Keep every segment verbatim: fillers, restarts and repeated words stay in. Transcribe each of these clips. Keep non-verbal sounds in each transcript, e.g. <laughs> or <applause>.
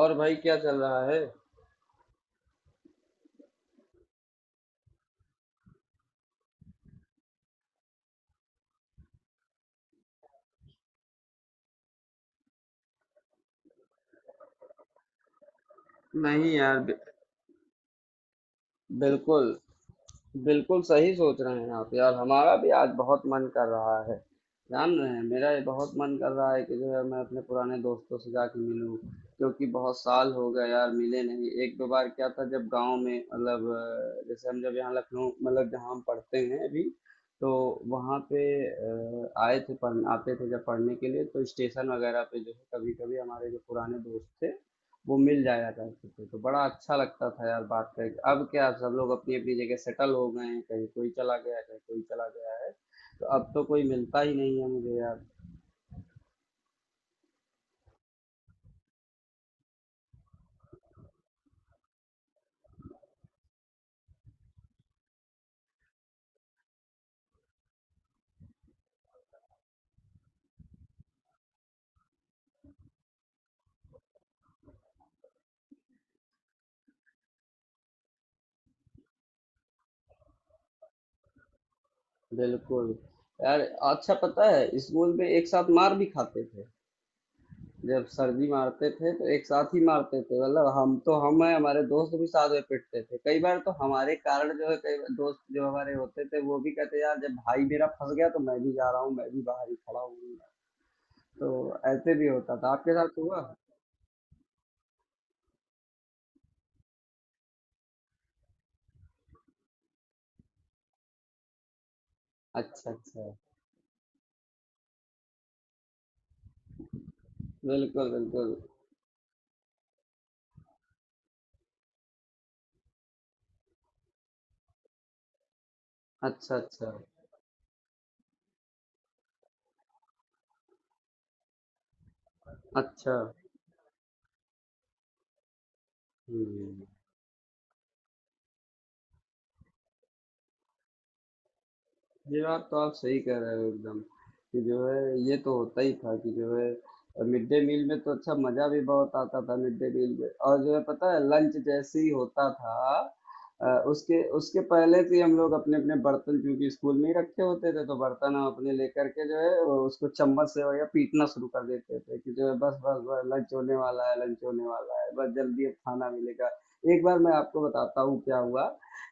और भाई क्या चल रहा है। नहीं यार, बि- बिल्कुल बिल्कुल सही सोच रहे हैं आप यार। हमारा भी आज बहुत मन कर रहा है, जान रहे हैं मेरा ये बहुत मन कर रहा है कि जो है मैं अपने पुराने दोस्तों से जाके मिलूं। क्योंकि बहुत साल हो गए यार, मिले नहीं एक दो बार क्या था, जब गांव में मतलब अ, जैसे हम जब यहाँ लखनऊ मतलब जहाँ हम पढ़ते हैं अभी, तो वहाँ पे अ, आए थे पढ़ आते थे जब पढ़ने के लिए, तो स्टेशन वगैरह पे जो है कभी कभी हमारे जो पुराने दोस्त थे वो मिल जाया करते थे, तो बड़ा अच्छा लगता था यार बात करके। अब क्या सब लोग अपनी अपनी जगह सेटल हो गए हैं, कहीं कोई चला गया कहीं कोई चला गया है, तो अब तो कोई मिलता ही नहीं है मुझे यार। बिल्कुल यार, अच्छा पता है स्कूल में एक साथ मार भी खाते थे। जब सर जी मारते थे तो एक साथ ही मारते थे, मतलब हम तो हम है, हमारे दोस्त भी साथ में पिटते थे कई बार। तो हमारे कारण जो है कई बार दोस्त जो हमारे होते थे वो भी कहते यार, जब भाई मेरा फंस गया तो मैं भी जा रहा हूँ, मैं भी बाहर ही खड़ा हूँ। तो ऐसे भी होता था, आपके साथ हुआ? अच्छा अच्छा। बिल्कुल बिल्कुल। अच्छा अच्छा अच्छा हम्म। ये बात तो आप सही कह रहे हो एकदम, कि जो है ये तो होता ही था कि जो है मिड डे मील में तो अच्छा मजा भी बहुत आता था मिड डे मील में। और जो है पता है लंच जैसे ही होता था, अ, उसके उसके पहले से ही हम लोग अपने अपने बर्तन, क्योंकि स्कूल में ही रखे होते थे तो बर्तन हम अपने लेकर के जो है वो उसको चम्मच से या पीटना शुरू कर देते थे कि जो है बस बस बस लंच होने वाला है लंच होने वाला है, बस जल्दी अब खाना मिलेगा। एक बार मैं आपको बताता हूँ क्या हुआ,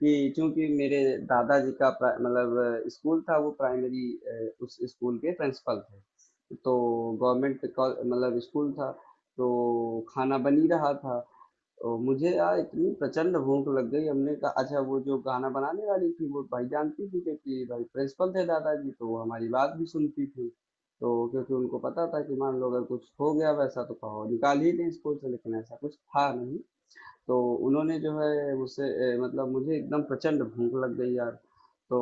कि चूंकि मेरे दादाजी का प्रा- मतलब अ, स्कूल था वो प्राइमरी, अ, उस स्कूल के प्रिंसिपल थे। तो गवर्नमेंट कॉल- मतलब स्कूल था। तो खाना बन ही रहा था, तो मुझे यार इतनी प्रचंड भूख लग गई, हमने कहा अच्छा। वो जो गाना बनाने वाली थी वो भाई जानती थी, क्योंकि भाई प्रिंसिपल थे दादाजी तो वो हमारी बात भी सुनती थी। तो क्योंकि उनको पता था कि मान लो अगर कुछ हो गया वैसा तो कहो निकाल ही दें स्कूल से, लेकिन ऐसा कुछ था नहीं। तो उन्होंने जो है मुझसे, ए, मतलब मुझे एकदम प्रचंड भूख लग गई यार, तो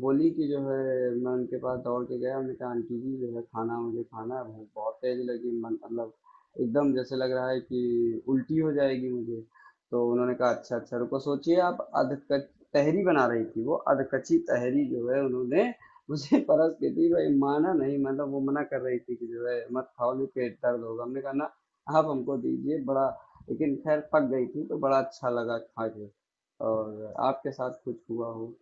बोली कि जो है, मैं उनके पास दौड़ के गया, मैंने कहा आंटी जी जो है खाना मुझे खाना है, भूख बहुत तेज लगी, मन मतलब एकदम जैसे लग रहा है कि उल्टी हो जाएगी मुझे। तो उन्होंने कहा अच्छा अच्छा रुको, सोचिए आप अध कच तहरी बना रही थी, वो अध कच्ची तहरी जो है उन्होंने मुझे <laughs> परस के दी भाई, माना नहीं, मतलब वो मना कर रही थी कि जो है मत खाओ, जो पेट दर्द होगा, हमने कहा ना आप हमको दीजिए बड़ा। लेकिन खैर पक गई थी तो बड़ा अच्छा लगा खा के। और आपके साथ कुछ हुआ हो?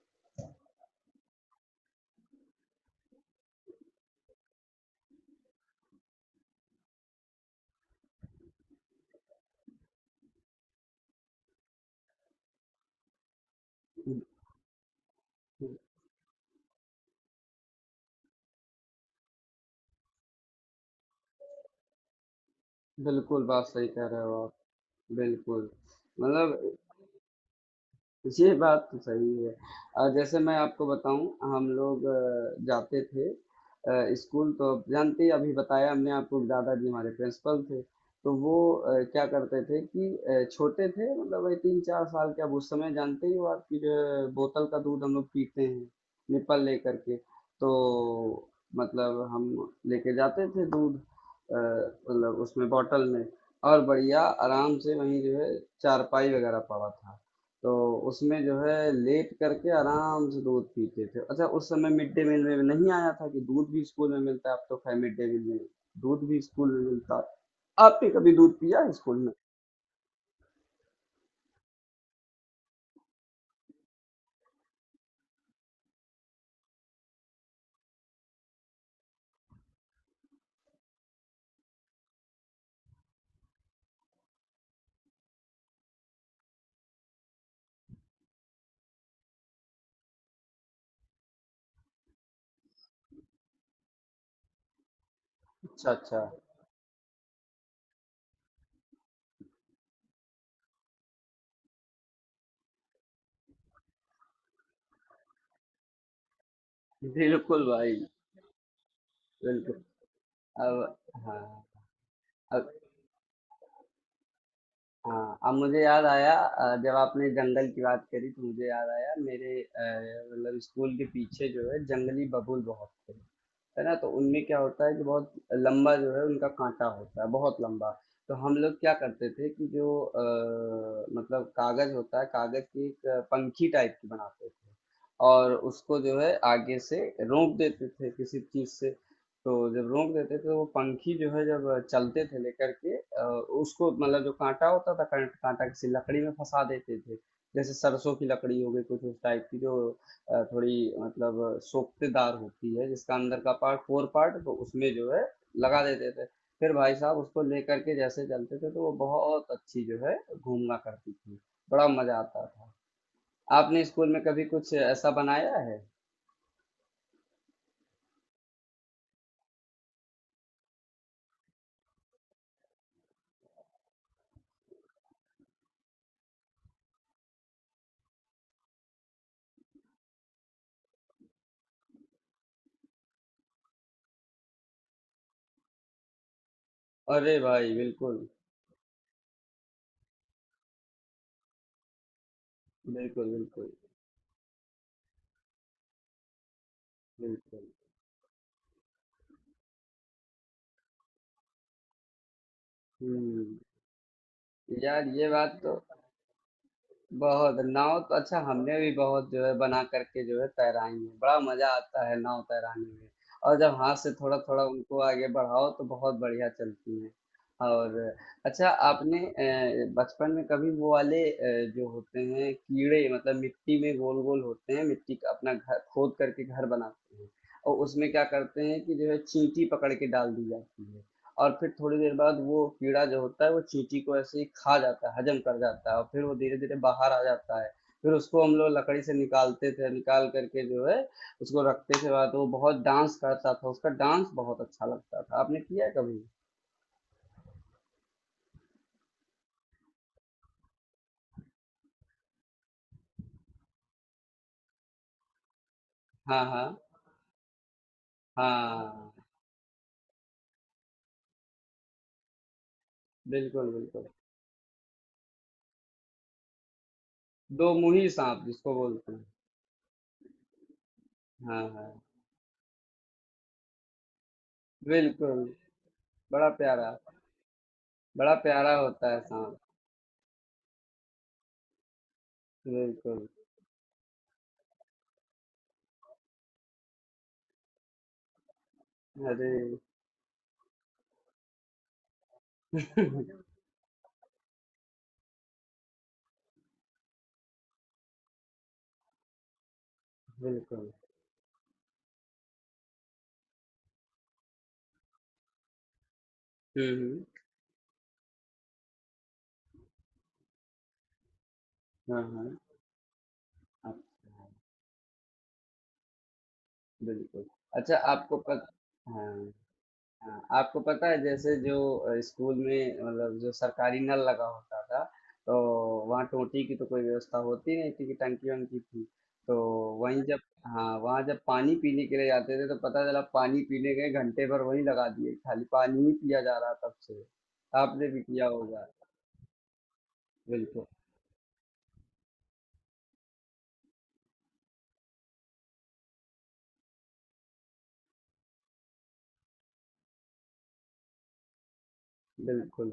बिल्कुल बात सही कह रहे हो आप। बिल्कुल, मतलब ये बात तो सही है। अ, जैसे मैं आपको बताऊँ, हम लोग अ, जाते थे अ, स्कूल, तो अब जानते ही, अभी बताया हमने आपको कि दादाजी हमारे प्रिंसिपल थे। तो वो अ, क्या करते थे कि अ, छोटे थे मतलब वही तीन चार साल के, अब उस समय जानते ही हो आप कि जो है बोतल का दूध हम लोग पीते हैं, निप्पल लेकर के। तो मतलब हम लेके जाते थे दूध, अ, मतलब उसमें बॉटल में, और बढ़िया आराम से वहीं जो है चारपाई वगैरह पड़ा था। तो उसमें जो है लेट करके आराम से दूध पीते थे। अच्छा उस समय मिड डे मील में नहीं आया था कि दूध भी स्कूल में मिलता है, अब तो खैर मिड डे मील में दूध भी स्कूल में मिलता है। आपने कभी दूध पिया है स्कूल में? अच्छा अच्छा। बिल्कुल भाई। बिल्कुल। अब हाँ। अब हाँ, अब मुझे याद आया, अ, जब आपने जंगल की बात करी तो मुझे याद आया मेरे अ, मतलब स्कूल के पीछे जो है जंगली बबूल बहुत थे, है ना? तो उनमें क्या होता है कि बहुत लंबा जो है उनका कांटा होता है, बहुत लंबा। तो हम लोग क्या करते थे कि जो अ, मतलब कागज होता है, कागज की एक पंखी टाइप की बनाते थे, और उसको जो है आगे से रोक देते थे किसी चीज से। तो जब रोक देते थे तो वो पंखी जो है, जब चलते थे लेकर के अ, उसको, मतलब जो कांटा होता था, कां- कांटा किसी लकड़ी में फंसा देते थे। जैसे सरसों की लकड़ी हो गई कुछ उस टाइप की, जो अ, थोड़ी मतलब सोखतेदार होती है, जिसका अंदर का पार्ट फोर पार्ट, तो उसमें जो है लगा देते थे। फिर भाई साहब उसको लेकर के जैसे चलते थे तो वो बहुत अच्छी जो है घूमना करती थी, बड़ा मजा आता था। आपने स्कूल में कभी कुछ ऐसा बनाया है? अरे भाई बिल्कुल। बिल्कुल बिल्कुल बिल्कुल। हम्म, यार ये बात तो बहुत, नाव तो अच्छा हमने भी बहुत जो है बना करके जो है तैराई है, बड़ा मजा आता है नाव तैराने में। और जब हाथ से थोड़ा थोड़ा उनको आगे बढ़ाओ तो बहुत बढ़िया चलती है। और अच्छा, आपने अ, बचपन में कभी वो वाले अ, जो होते हैं कीड़े, मतलब मिट्टी में गोल गोल होते हैं मिट्टी का, अपना घर खोद करके घर बनाते हैं, और उसमें क्या करते हैं कि जो है चींटी पकड़ के डाल दी जाती है, और फिर थोड़ी देर बाद वो कीड़ा जो होता है वो चींटी को ऐसे ही खा जाता है, हजम कर जाता है, और फिर वो धीरे-धीरे बाहर आ जाता है। फिर उसको हम लोग लकड़ी से निकालते थे, निकाल कर के जो है उसको रखते थे वहाँ, तो वो बहुत डांस करता था, उसका डांस बहुत अच्छा लगता था। आपने किया है कभी? हाँ, हाँ। हाँ, बिल्कुल, बिल्कुल। दो मुंही साँप जिसको बोलते हैं। हाँ, हाँ। बिल्कुल, बड़ा प्यारा, बड़ा प्यारा होता है साँप। बिल्कुल। अरे! <laughs> बिल्कुल। हुँ, हुँ। हाँ, हाँ। बिल्कुल। अच्छा आपको पत हाँ, हाँ, आपको पता है जैसे जो अ, स्कूल में मतलब जो सरकारी नल लगा होता था, तो वहाँ टोटी की तो कोई व्यवस्था होती नहीं थी, कि टंकी वंकी थी। तो वहीं जब, हाँ वहाँ जब पानी पीने के लिए जाते थे तो पता चला, पानी पीने गए घंटे भर वहीं लगा दिए, खाली पानी ही पिया जा रहा तब से। आपने भी किया होगा? बिल्कुल बिल्कुल।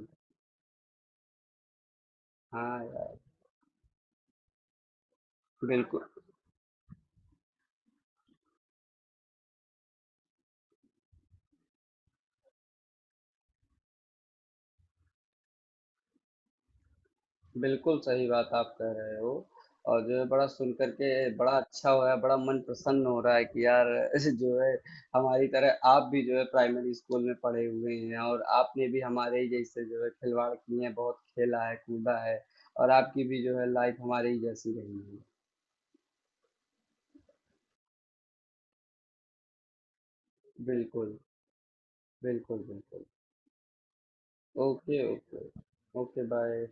हाँ यार, बिल्कुल बिल्कुल सही बात आप कह रहे हो, और जो है बड़ा सुन करके बड़ा अच्छा हो रहा है, बड़ा मन प्रसन्न हो रहा है कि यार, <laughs> ऐसे जो है हमारी तरह आप भी जो है प्राइमरी स्कूल में पढ़े हुए हैं, और आपने भी हमारे ही जैसे जो है खिलवाड़ किए हैं, बहुत खेला है कूदा है, और आपकी भी जो है लाइफ हमारे ही जैसी रही है। बिल्कुल बिल्कुल बिल्कुल। Okay okay. Okay bye.